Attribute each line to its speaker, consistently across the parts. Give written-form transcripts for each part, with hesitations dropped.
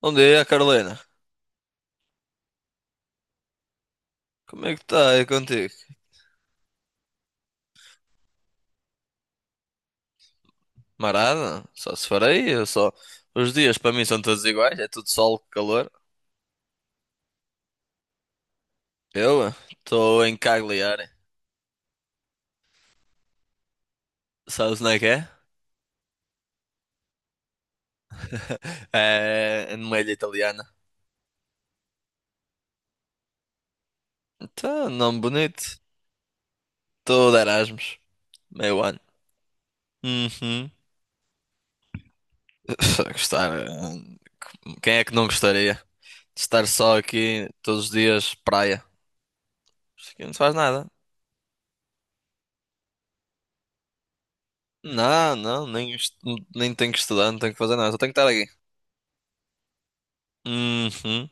Speaker 1: Bom dia, Carolina. Como é que está aí contigo? Marada? Só se farei, eu só. Os dias para mim são todos iguais, é tudo sol, calor. Eu estou em Cagliari. Sabes onde é que é? É numa ilha italiana. Então, nome bonito. Estou de Erasmus. Meio ano. Uhum. Gostar. Quem é que não gostaria? De estar só aqui todos os dias, praia. Isto aqui não se faz nada. Não, não, nem, nem tenho que estudar, não tenho que fazer nada, só tenho que estar aqui. Uhum.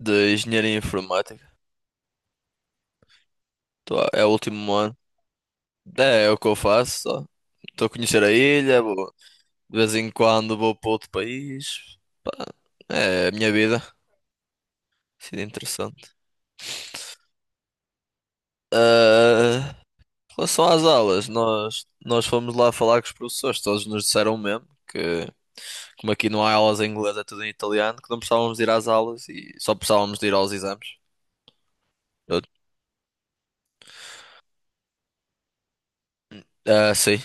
Speaker 1: De engenharia informática. É o último ano. É o que eu faço, só. Estou a conhecer a ilha, de vez em quando vou para outro país. Pá, é a minha vida. Sido interessante. Ah, em relação às aulas, nós fomos lá falar com os professores, todos nos disseram o mesmo que, como aqui não há aulas em inglês, é tudo em italiano, que não precisávamos de ir às aulas e só precisávamos de ir aos exames. Eu- Ah, sim.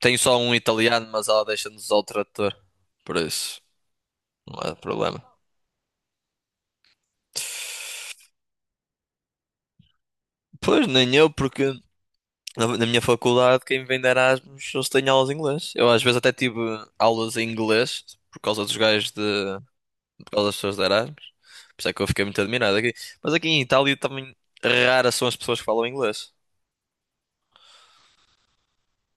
Speaker 1: Tenho só um italiano, mas ela deixa-nos ao trator. Por isso. Não há problema. Pois, nem eu, porque na minha faculdade, quem vem de Erasmus, eles têm aulas de inglês. Eu às vezes até tive aulas em inglês por causa dos gajos de. Por causa das pessoas de Erasmus. Por isso é que eu fiquei muito admirado aqui. Mas aqui em Itália também raras são as pessoas que falam inglês.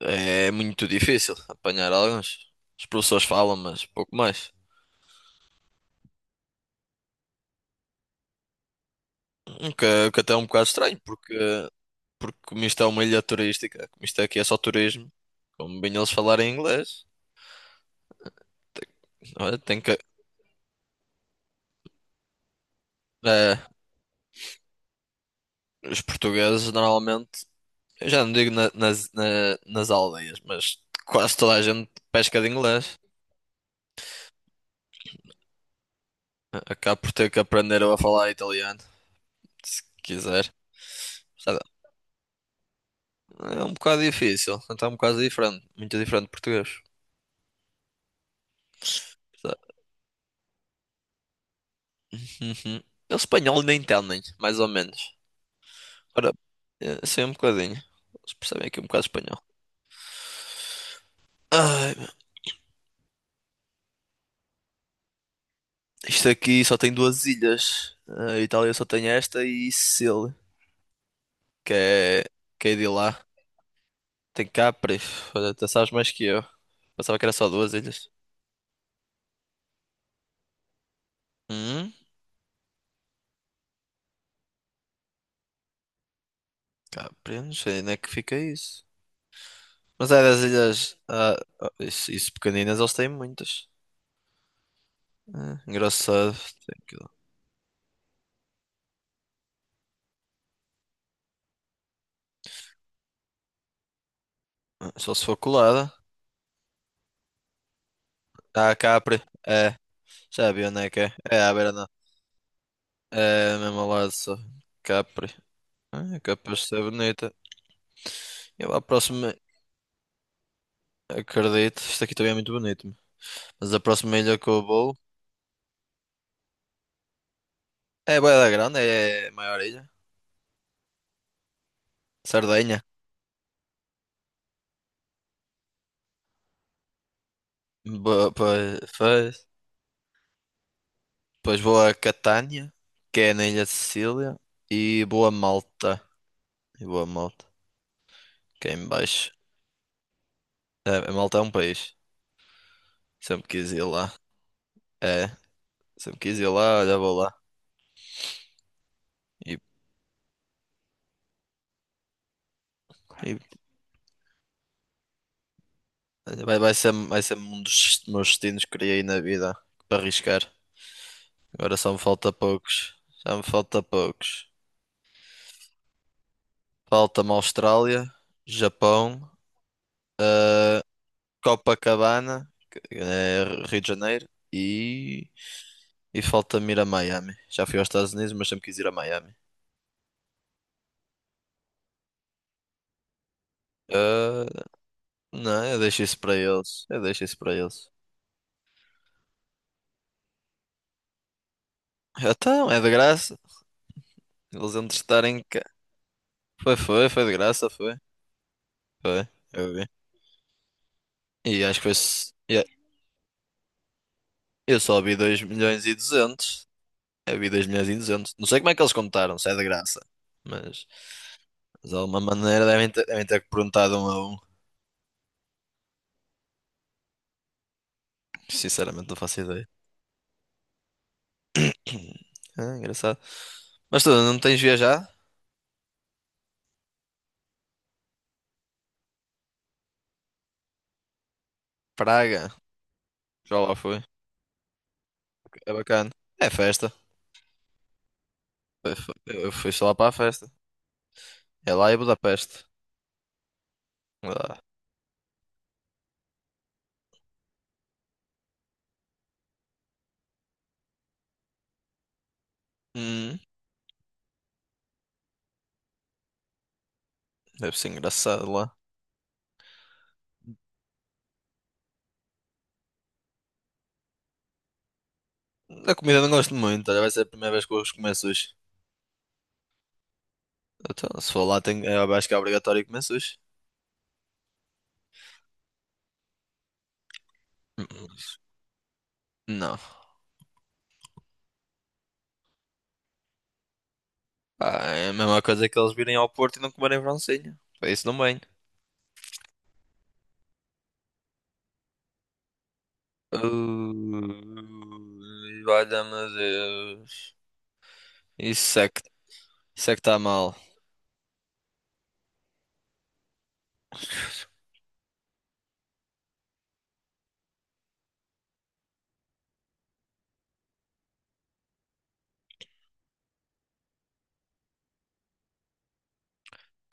Speaker 1: É muito difícil apanhar alguns. Os professores falam, mas pouco mais. O que até é um bocado estranho, porque como isto é uma ilha turística, como isto aqui é só turismo, como bem eles falarem inglês. Tem, Olha, tem que, É, os portugueses normalmente, eu já não digo nas aldeias, mas quase toda a gente pesca de inglês. Acaba por ter que aprender a falar italiano, se quiser. Sabe, é um bocado difícil, então é um bocado diferente, muito diferente de português. Sabe? Uhum. Eles espanhol nem entendem, mais ou menos. Ora, é, sim, um bocadinho. Eles percebem aqui um bocado espanhol. Ai, meu, isto aqui só tem duas ilhas. A Itália só tem esta e Sicília, que é, que é de lá. Tem Capres. Olha, tu sabes mais que eu. Pensava que era só duas ilhas. Hum, Capri, não sei onde é que fica isso. Mas é das ilhas. Isso, isso pequeninas, eles têm muitas. Ah, engraçado. Tem que- Só se for colada. Ah, Capri. É, já vi onde é que é. É à beira não. É mesmo ao lado só. Capri. Ah, é capaz de ser bonita. Eu a próxima. Acredito. Isto aqui também é muito bonito. Mas a próxima ilha que eu vou. É bué da grande, é a maior ilha. Sardenha. Boa, pois, pois. Depois vou a Catânia, que é na Ilha de Sicília, e vou a Malta. E vou a Malta, que é em baixo. É, a Malta é um país. Sempre quis ir lá. É, sempre quis ir lá, olha, vou lá. E, e olha, vai ser um dos meus destinos que criei na vida para arriscar. Agora só me falta poucos. Já me falta poucos. Falta-me Austrália, Japão, eh, Copacabana, que é Rio de Janeiro, E falta-me ir a Miami. Já fui aos Estados Unidos, mas sempre quis ir a Miami. Ah, não, eu deixo isso para eles. Eu deixo isso para eles. Então, é de graça. Eles vão estarem cá. Foi, foi, foi de graça, foi. Foi, eu vi. E acho que foi. Yeah, eu só vi 2,2 milhões. Eu vi 2,2 milhões. Não sei como é que eles contaram, se é de graça. Mas, mas de alguma maneira devem ter, perguntado um a um. Sinceramente, não faço ideia. Ah, engraçado. Mas tu não tens viajado? Praga. Já lá foi. É bacana. É festa. Eu fui só lá para a festa. É lá em Budapeste. Lá. Hum, deve ser engraçado lá. Da comida não gosto muito. Olha, vai ser a primeira vez que eu vou comer sushi. Então, se for lá, tenho, eu acho que é obrigatório comer sushi. Hum, Não. Pá, é a mesma coisa que eles virem ao Porto e não comerem francesinha. Para isso não bem. Valha-me Deus. Isso é que, isso é que está mal.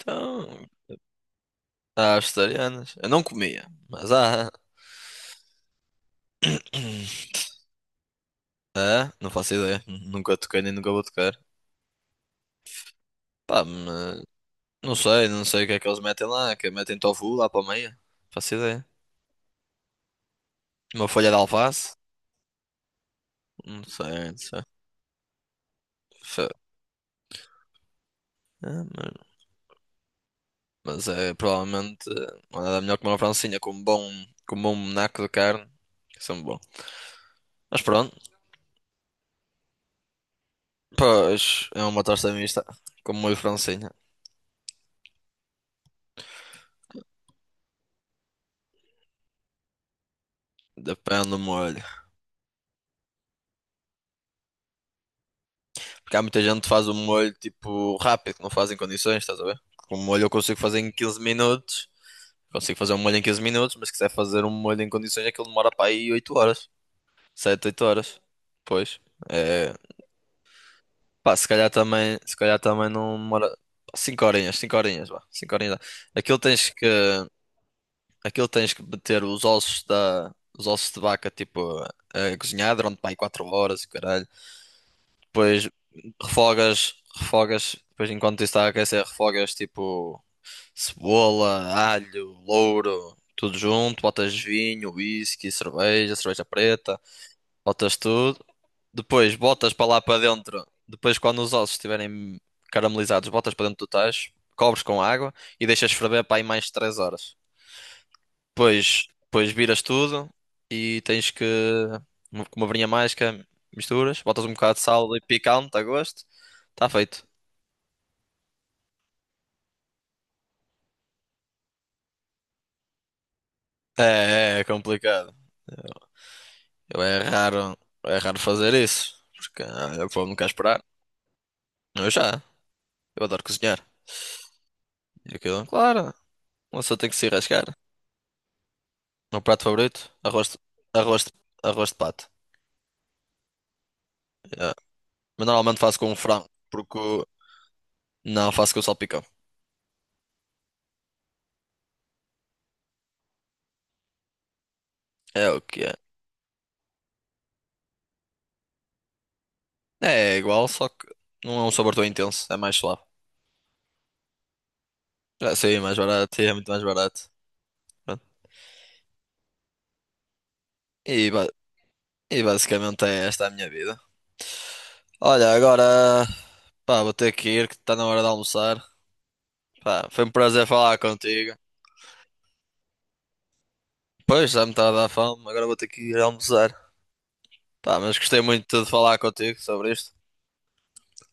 Speaker 1: Então, há vegetarianas. Eu não comia, mas há. Ah, não faço ideia. Nunca toquei nem nunca vou tocar. Pá, mas não sei o que é que eles metem lá. Que metem tofu lá para a meia. Faço ideia. Uma folha de alface? Não sei, não sei. Fe- Ah, mas, mas, é provavelmente não há nada melhor que uma francinha com um bom naco de carne. Que são bom. Mas pronto, pois é uma tosta mista com molho francinha. Depende do molho. Porque há muita gente que faz o molho tipo rápido, que não faz em condições, estás a ver? Com o molho eu consigo fazer em 15 minutos. Consigo fazer um molho em 15 minutos, mas se quiser fazer um molho em condições, aquilo demora para aí 8 horas. Sete 8 horas. Pois. É... Pá, se calhar também não demora. 5 horinhas, 5 horinhas, vá. 5 horinhas. Dá. Aquilo tens que. Aquilo tens que meter os ossos da. Os ossos de vaca, tipo, a cozinhar durante pá, 4 horas, e caralho. Depois refogas, refogas. Depois enquanto isso está a aquecer, refogas tipo cebola, alho, louro, tudo junto. Botas vinho, whisky, cerveja, cerveja preta. Botas tudo. Depois botas para lá para dentro. Depois, quando os ossos estiverem caramelizados, botas para dentro do tacho. Cobres com água e deixas ferver para aí mais 3 horas. Depois viras tudo e tens que. Com uma varinha mágica, misturas. Botas um bocado de sal e picante a gosto. Está feito. É complicado. Eu é raro fazer isso, porque eu vou nunca esperar. Eu já, eu adoro cozinhar. E aquilo, claro, uma pessoa tem que se arriscar. O meu prato favorito, arroz, de- arroz de pato. Yeah. Mas normalmente faço com frango, não faço com salpicão. É o que é. É igual, só que não é um sabor tão intenso, é mais suave. Já sei, é mais barato, é muito mais barato. Pronto. E, ba- e basicamente é esta a minha vida. Olha, agora, pá, vou ter que ir, que está na hora de almoçar. Pá, foi um prazer falar contigo. Pois, já me está a dar fome, agora vou ter que ir almoçar. Pá, mas gostei muito de falar contigo sobre isto.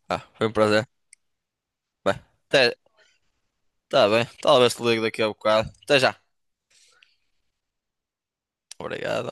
Speaker 1: Ah, foi um prazer. Bem, até, tá bem, talvez te ligue daqui a bocado. Até já. Obrigado.